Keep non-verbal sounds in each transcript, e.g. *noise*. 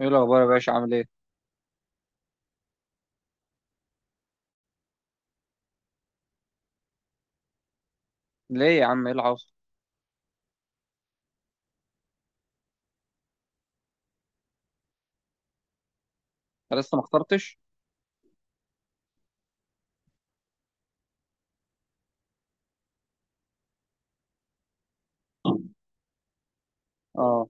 ايه الاخبار يا باشا؟ عامل ايه؟ ليه يا عم؟ ايه اللي حصل؟ أنت لسه ما اخترتش؟ اه،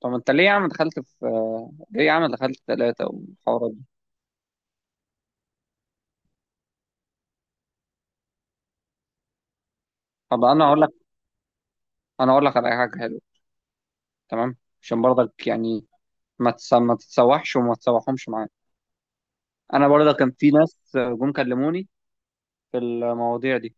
طب انت ليه يا عم دخلت في آه، ليه يا عم دخلت 3 والحوارات دي؟ طب انا هقول لك، على حاجة حلوة. تمام، عشان برضك يعني ما تتسوحش وما تسوحهمش معايا. انا برضك كان في ناس جم كلموني في المواضيع دي.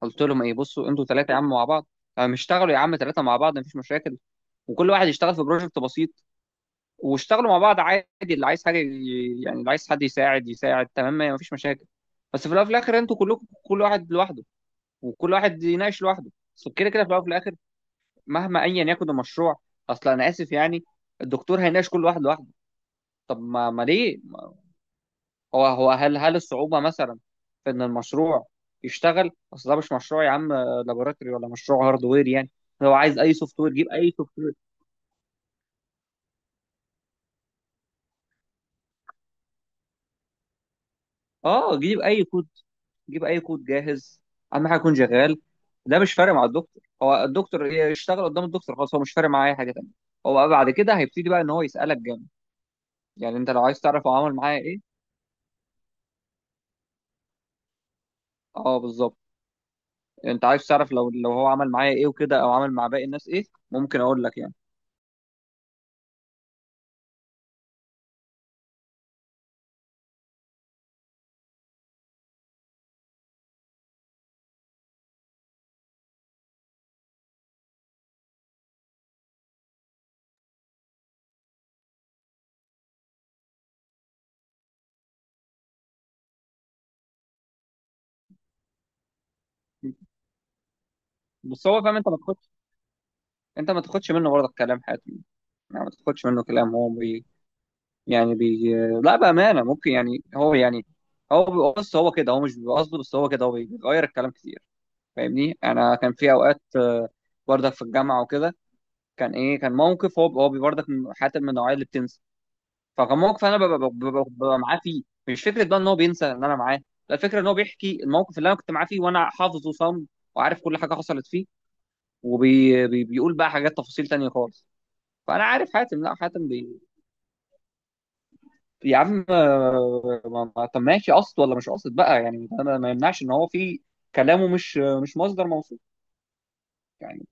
قلت لهم: ايه بصوا، انتوا 3 يا عم مع بعض. اشتغلوا يا عم 3 مع بعض، مفيش مشاكل. وكل واحد يشتغل في بروجكت بسيط، واشتغلوا مع بعض عادي. اللي عايز حاجه يعني اللي عايز حد يساعد يساعد، تمام، ما فيش مشاكل. بس في الاول وفي الاخر انتوا كلكم كل واحد لوحده، وكل واحد يناقش لوحده. بس كده كده في الاول وفي الاخر، مهما ايا يكن المشروع، اصلا انا اسف يعني، الدكتور هيناقش كل واحد لوحده. طب ما ليه؟ هو هل الصعوبه مثلا في ان المشروع يشتغل؟ اصل ده مش مشروع يا عم لابوراتوري ولا مشروع هاردوير يعني. هو عايز اي سوفت وير، جيب اي سوفت وير. اه، جيب اي كود، جيب اي كود جاهز، اهم حاجه يكون شغال. ده مش فارق مع الدكتور، هو الدكتور يشتغل قدام الدكتور خلاص، هو مش فارق معاه اي حاجه تانيه. هو بقى بعد كده هيبتدي بقى ان هو يسالك جامد. يعني انت لو عايز تعرف هو عمل معايا ايه، اه بالظبط، انت عايز تعرف لو هو عمل معايا ايه وكده، او عمل مع باقي الناس ايه، ممكن اقول لك يعني. بس هو فاهم، انت ما تاخدش منه برضه كلام حياته. يعني ما تاخدش منه كلام، هو يعني لا، بامانه ممكن يعني هو يعني، هو بيبقى، بص، هو كده، هو مش بيبقى قصده، بس هو كده، هو بيغير الكلام كتير، فاهمني. انا كان في اوقات بردك في الجامعه وكده، كان ايه، كان موقف هو بردك حتى من النوعيه اللي بتنسى. فكان موقف انا ببقى معاه فيه، مش فكره بقى ان هو بينسى ان انا معاه. لا، الفكره ان هو بيحكي الموقف اللي انا كنت معاه فيه، وانا حافظه صم وعارف كل حاجه حصلت فيه، وبيقول بقى حاجات تفاصيل تانية خالص. فانا عارف حاتم. لا حاتم. يا عم، طب ماشي قصد ولا مش قصد بقى، يعني ده ما يمنعش ان هو في كلامه مش مصدر موثوق. يعني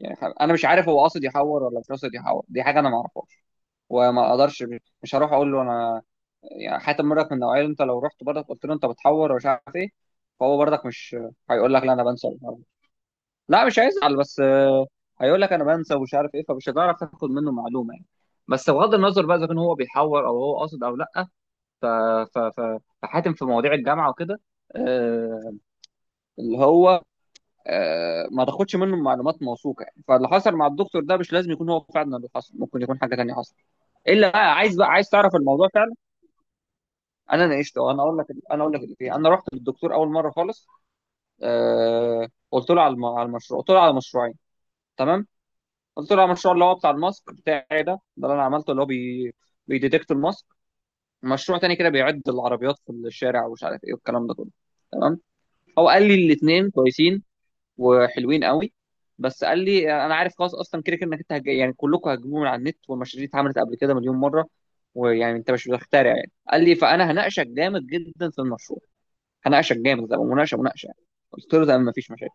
يعني انا مش عارف هو قاصد يحور ولا مش قاصد يحور، دي حاجه انا ما اعرفهاش. وما اقدرش، مش هروح اقول له انا. يعني حتى مرات من النوعيه اللي انت لو رحت برضك قلت له انت بتحور ومش عارف ايه، فهو برضك مش هيقول لك لا انا بنسى ومش عارف إيه. لا مش هيزعل، بس هيقول لك انا بنسى ومش عارف ايه، فمش هتعرف تاخد منه معلومه يعني. بس بغض النظر بقى، اذا كان هو بيحور او هو قاصد او لا، ف ف ف فحاتم في مواضيع الجامعه وكده، آه، اللي هو آه، ما تاخدش منه معلومات موثوقه يعني. فاللي حصل مع الدكتور ده مش لازم يكون هو فعلا اللي حصل، ممكن يكون حاجه تانيه حصلت. الا بقى، عايز بقى عايز تعرف الموضوع فعلا؟ انا ناقشته، انا اقول لك، اللي فيه. انا رحت للدكتور اول مره خالص، قلت له على على المشروع، قلت له على مشروعين. تمام، قلت له على المشروع اللي هو بتاع الماسك بتاعي ده ده اللي انا عملته، اللي هو بيديتكت الماسك. مشروع تاني كده بيعد العربيات في الشارع، ومش عارف ايه والكلام ده كله. تمام، هو قال لي الاثنين كويسين وحلوين قوي. بس قال لي: انا عارف خلاص اصلا، كده كده انك انت يعني كلكم هتجيبوه من على النت، والمشاريع دي اتعملت قبل كده مليون مره، ويعني انت مش بتخترع يعني. قال لي: فانا هناقشك جامد جدا في المشروع، هناقشك جامد، ده مناقشه مناقشه يعني. قلت له: تمام، مفيش مشاكل.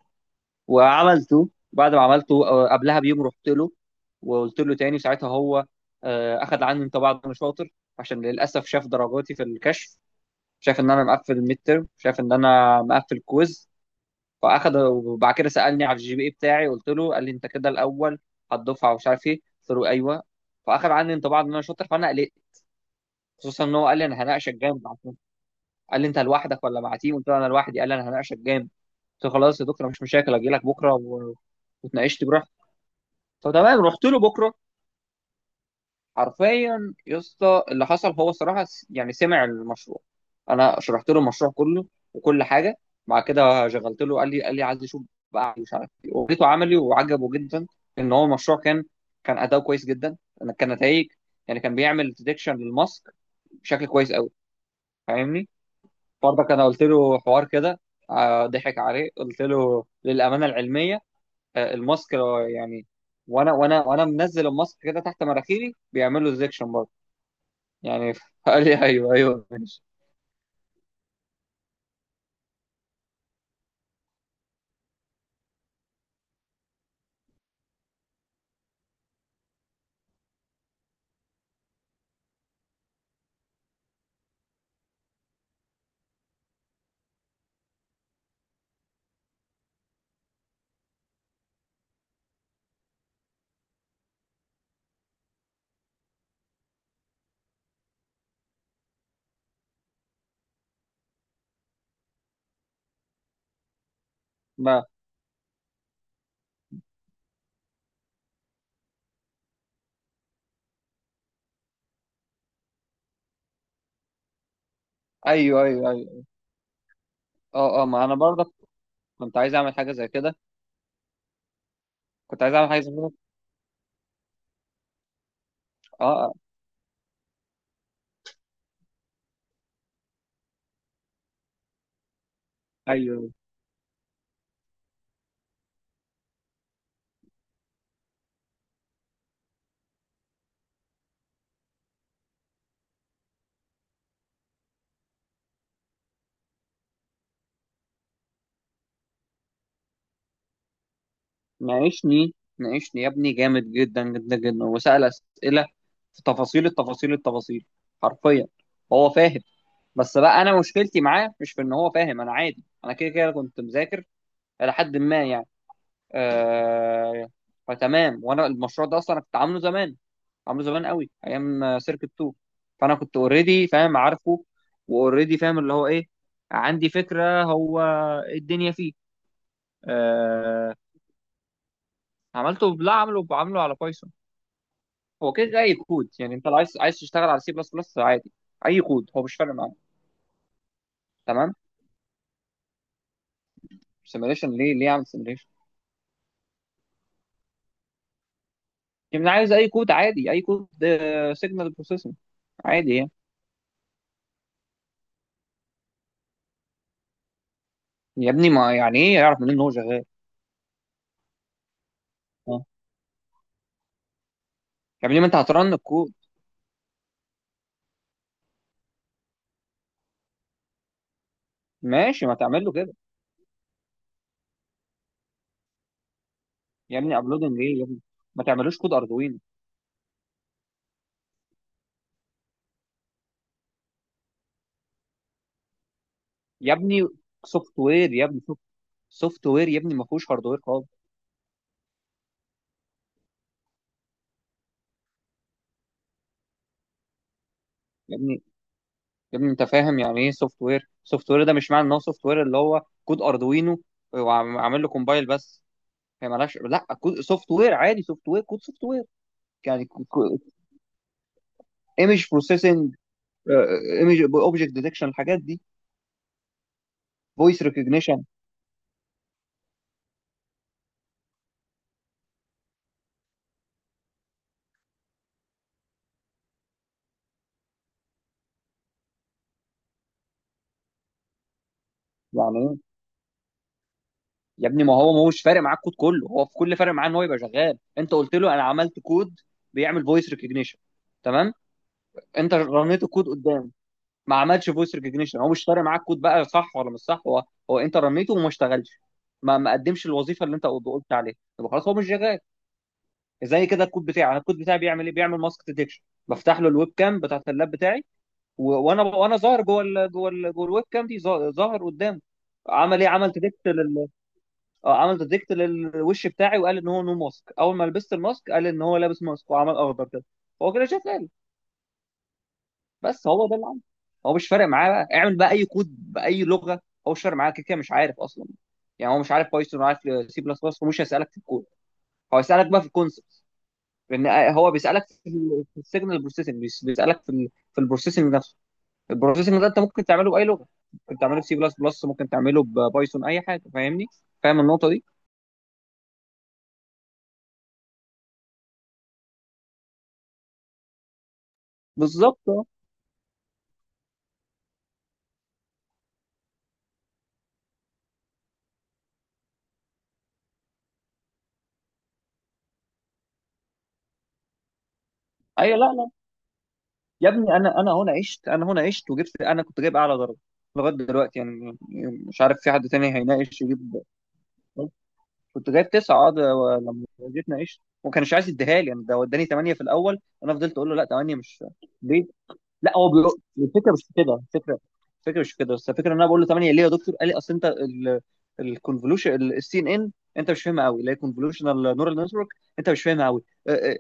وعملته. بعد ما عملته، قبلها بـ1 يوم رحت له وقلت له تاني. ساعتها هو اخذ عني انطباع ان انا شاطر، عشان للاسف شاف درجاتي في الكشف، شاف ان انا مقفل الميد ترم، شاف ان انا مقفل كويز. فاخد، وبعد كده سالني على الجي بي اي بتاعي قلت له، قال لي: انت كده الاول هتدفع ومش عارف ايه. قلت له: ايوه. فاخد عني انطباع ان انا شاطر، فانا قلقت. خصوصا ان هو قال لي انا هناقشك جامد، عشان قال لي: انت لوحدك ولا مع تيم؟ قلت له: انا لوحدي. قال لي: انا هناقشك جامد. قلت له: خلاص يا دكتور، مش مشاكل، اجي لك بكره وتناقشت براحتك. فتمام، رحت له بكره. حرفيا يا اسطى، اللي حصل، هو الصراحه يعني سمع المشروع، انا شرحت له المشروع كله وكل حاجه، بعد كده شغلت له، قال لي عايز اشوف بقى مش عارف ايه، وريته عملي، وعجبه جدا. ان هو المشروع كان اداؤه كويس جدا، أنا كان نتائج يعني، كان بيعمل ديتكشن للماسك بشكل كويس قوي، فاهمني. برضك انا قلت له حوار كده، ضحك عليه، قلت له للامانه العلميه، الماسك يعني وانا منزل الماسك كده تحت مراخيري بيعمل له ديتكشن يعني. *laughs* قال لي: ايوه ايوه ماشي. ما ايوه ايوه ايوه. اه اه، ما انا برضه كنت عايز اعمل حاجه زي كده. كنت عايز اعمل حاجه زي كده. اه، ايوه. ناقشني، ناقشني يا ابني جامد جدا جدا جدا، وسأل اسئله في تفاصيل التفاصيل التفاصيل، حرفيا. هو فاهم، بس بقى انا مشكلتي معاه مش في ان هو فاهم، انا عادي، انا كده كده كنت مذاكر الى حد ما يعني. آه فتمام، وانا المشروع ده اصلا انا كنت عامله زمان، عامله زمان قوي ايام سيركت 2. فانا كنت اوريدي فاهم عارفه، واوريدي فاهم اللي هو ايه، عندي فكره هو إيه الدنيا فيه. آه عملته، لا عمله، بعمله على بايثون. هو كده كده اي كود، يعني انت لو عايز تشتغل على سي بلس بلس عادي، اي كود هو مش فارق معاه. تمام، سيميليشن ليه اعمل سيميليشن؟ يعني أنا عايز اي كود عادي، اي كود سيجنال بروسيسنج عادي يعني. يا ابني، ما يعني ايه يعرف منين ان هو شغال؟ آه. يا ابني ما انت هترن الكود. ماشي، ما تعمل له كده. يا ابني، ابلودنج ايه يا ابني؟ ما تعملوش كود اردوينو. يا ابني، سوفت وير يا ابني، سوفت وير يا ابني، ما فيهوش هاردوير خالص. يا ابني يا ابني، انت فاهم يعني ايه سوفت وير؟ سوفت وير ده مش معنى ان هو سوفت وير اللي هو كود اردوينو وعامل له كومبايل بس. هي مالهاش، لا كود سوفت وير عادي، سوفت وير كود سوفت وير يعني. ايمج بروسيسنج، ايمج اوبجكت ديتكشن، الحاجات دي، فويس ريكوجنيشن. يعني ايه؟ يا ابني، ما هو ما هوش فارق معاك كود، كله هو في كل فارق معاه ان هو يبقى شغال. انت قلت له انا عملت كود بيعمل فويس ريكوجنيشن، تمام، انت رنيت الكود قدام، ما عملش فويس ريكوجنيشن، هو مش فارق معاك كود بقى صح ولا مش صح، هو هو انت رنيته وما اشتغلش، ما قدمش الوظيفه اللي انت قلت عليها، يبقى خلاص هو مش شغال. زي كده الكود بتاعي، انا الكود بتاعي بيعمل ايه؟ بيعمل ماسك ديتكشن، بفتح له الويب كام بتاعت اللاب بتاعي، وانا ظاهر جوه الويب كام دي، ظاهر قدامه. عمل ايه؟ عمل ديتكت. اه، عمل ديتكت للوش بتاعي وقال ان هو نو ماسك، اول ما لبست الماسك قال ان هو لابس ماسك وعمل اخضر كده. هو كده شاف قال. بس هو ده اللي عمله. هو مش فارق معاه بقى اعمل بقى اي كود باي لغه، هو مش فارق معاه، كده كده مش عارف اصلا. يعني هو مش عارف بايثون ولا عارف سي بلس بلس، ومش هيسالك في الكود، هو هيسالك بقى في الكونسبت، لان هو بيسالك في السيجنال بروسيسنج، بيسالك في البروسيسنج نفسه. البروسيسنج ده انت ممكن تعمله باي لغه، ممكن تعمله بسي بلس بلس، ممكن تعمله ببايثون، اي حاجه، فاهمني؟ فاهم النقطه دي. بالظبط، اه، ايوه. لا يا ابني، انا هنا عشت، انا هنا عشت وجبت، انا كنت جايب اعلى درجه لغايه دلوقتي يعني، مش عارف في حد تاني هيناقش يجيب. كنت جايب 9، اه ده، لما جيت ناقشت وما كانش عايز يديها لي يعني، ده وداني 8 في الاول، انا فضلت اقول له لا، 8 مش ليه. لا هو بيقول الفكره مش في كده، الفكره مش في كده، بس الفكره ان انا بقول له 8 ليه يا دكتور، قال لي: اصل انت الكونفولوشن السي ان ان انت مش فاهمها قوي، اللي هي كونفولوشنال نورال نتورك، انت مش فاهمها قوي،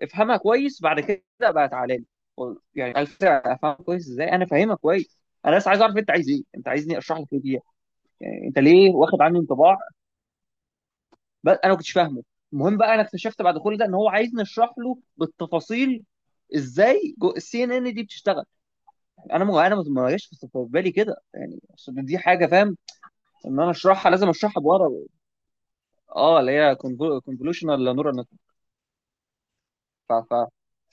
افهمها كويس بعد كده بقى تعالى لي. يعني قال فكرة افهمها كويس. ازاي انا فاهمها كويس؟ انا بس عايز اعرف انت عايز ايه، انت عايزني اشرح لك ايه دي؟ انت ليه واخد عني انطباع بس انا ما كنتش فاهمه؟ المهم بقى انا اكتشفت بعد كل ده ان هو عايزني اشرح له بالتفاصيل ازاي السي ان ان دي بتشتغل. انا ما، جاش في بالي كده يعني، اصل دي حاجه فاهم، ان انا اشرحها لازم اشرحها بورا، اه، اللي هي كونفولوشنال نورال نتورك. ف... ف...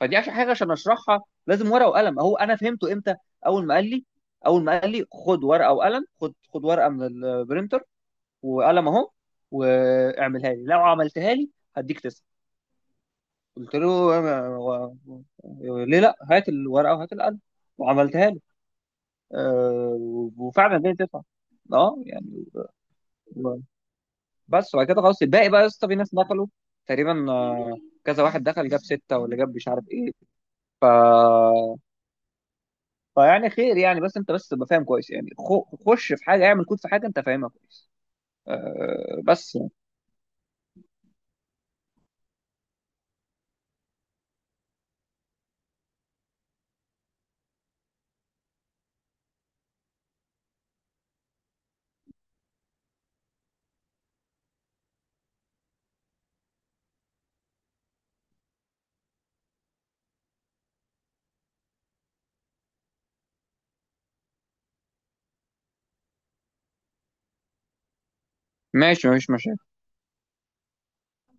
فدي عشان حاجه، عشان اشرحها لازم ورقه وقلم. اهو، انا فهمته امتى؟ اول ما قال لي اول ما قال لي خد ورقه وقلم، خد ورقه من البرينتر وقلم اهو، واعملها لي، لو عملتها لي هديك 9. قلت له: ليه لا، هات الورقه وهات القلم، وعملتها لي، أه، وفعلا جاي 9، اه يعني. بس، وبعد كده خلاص الباقي بقى يا اسطى، في ناس دخلوا تقريبا، كذا واحد دخل جاب 6 ولا جاب مش عارف ايه، فيعني خير يعني. بس انت بس تبقى فاهم كويس يعني، خش في حاجة، اعمل كود في حاجة انت فاهمها كويس. بس يعني. ماشي، مفيش مشاكل.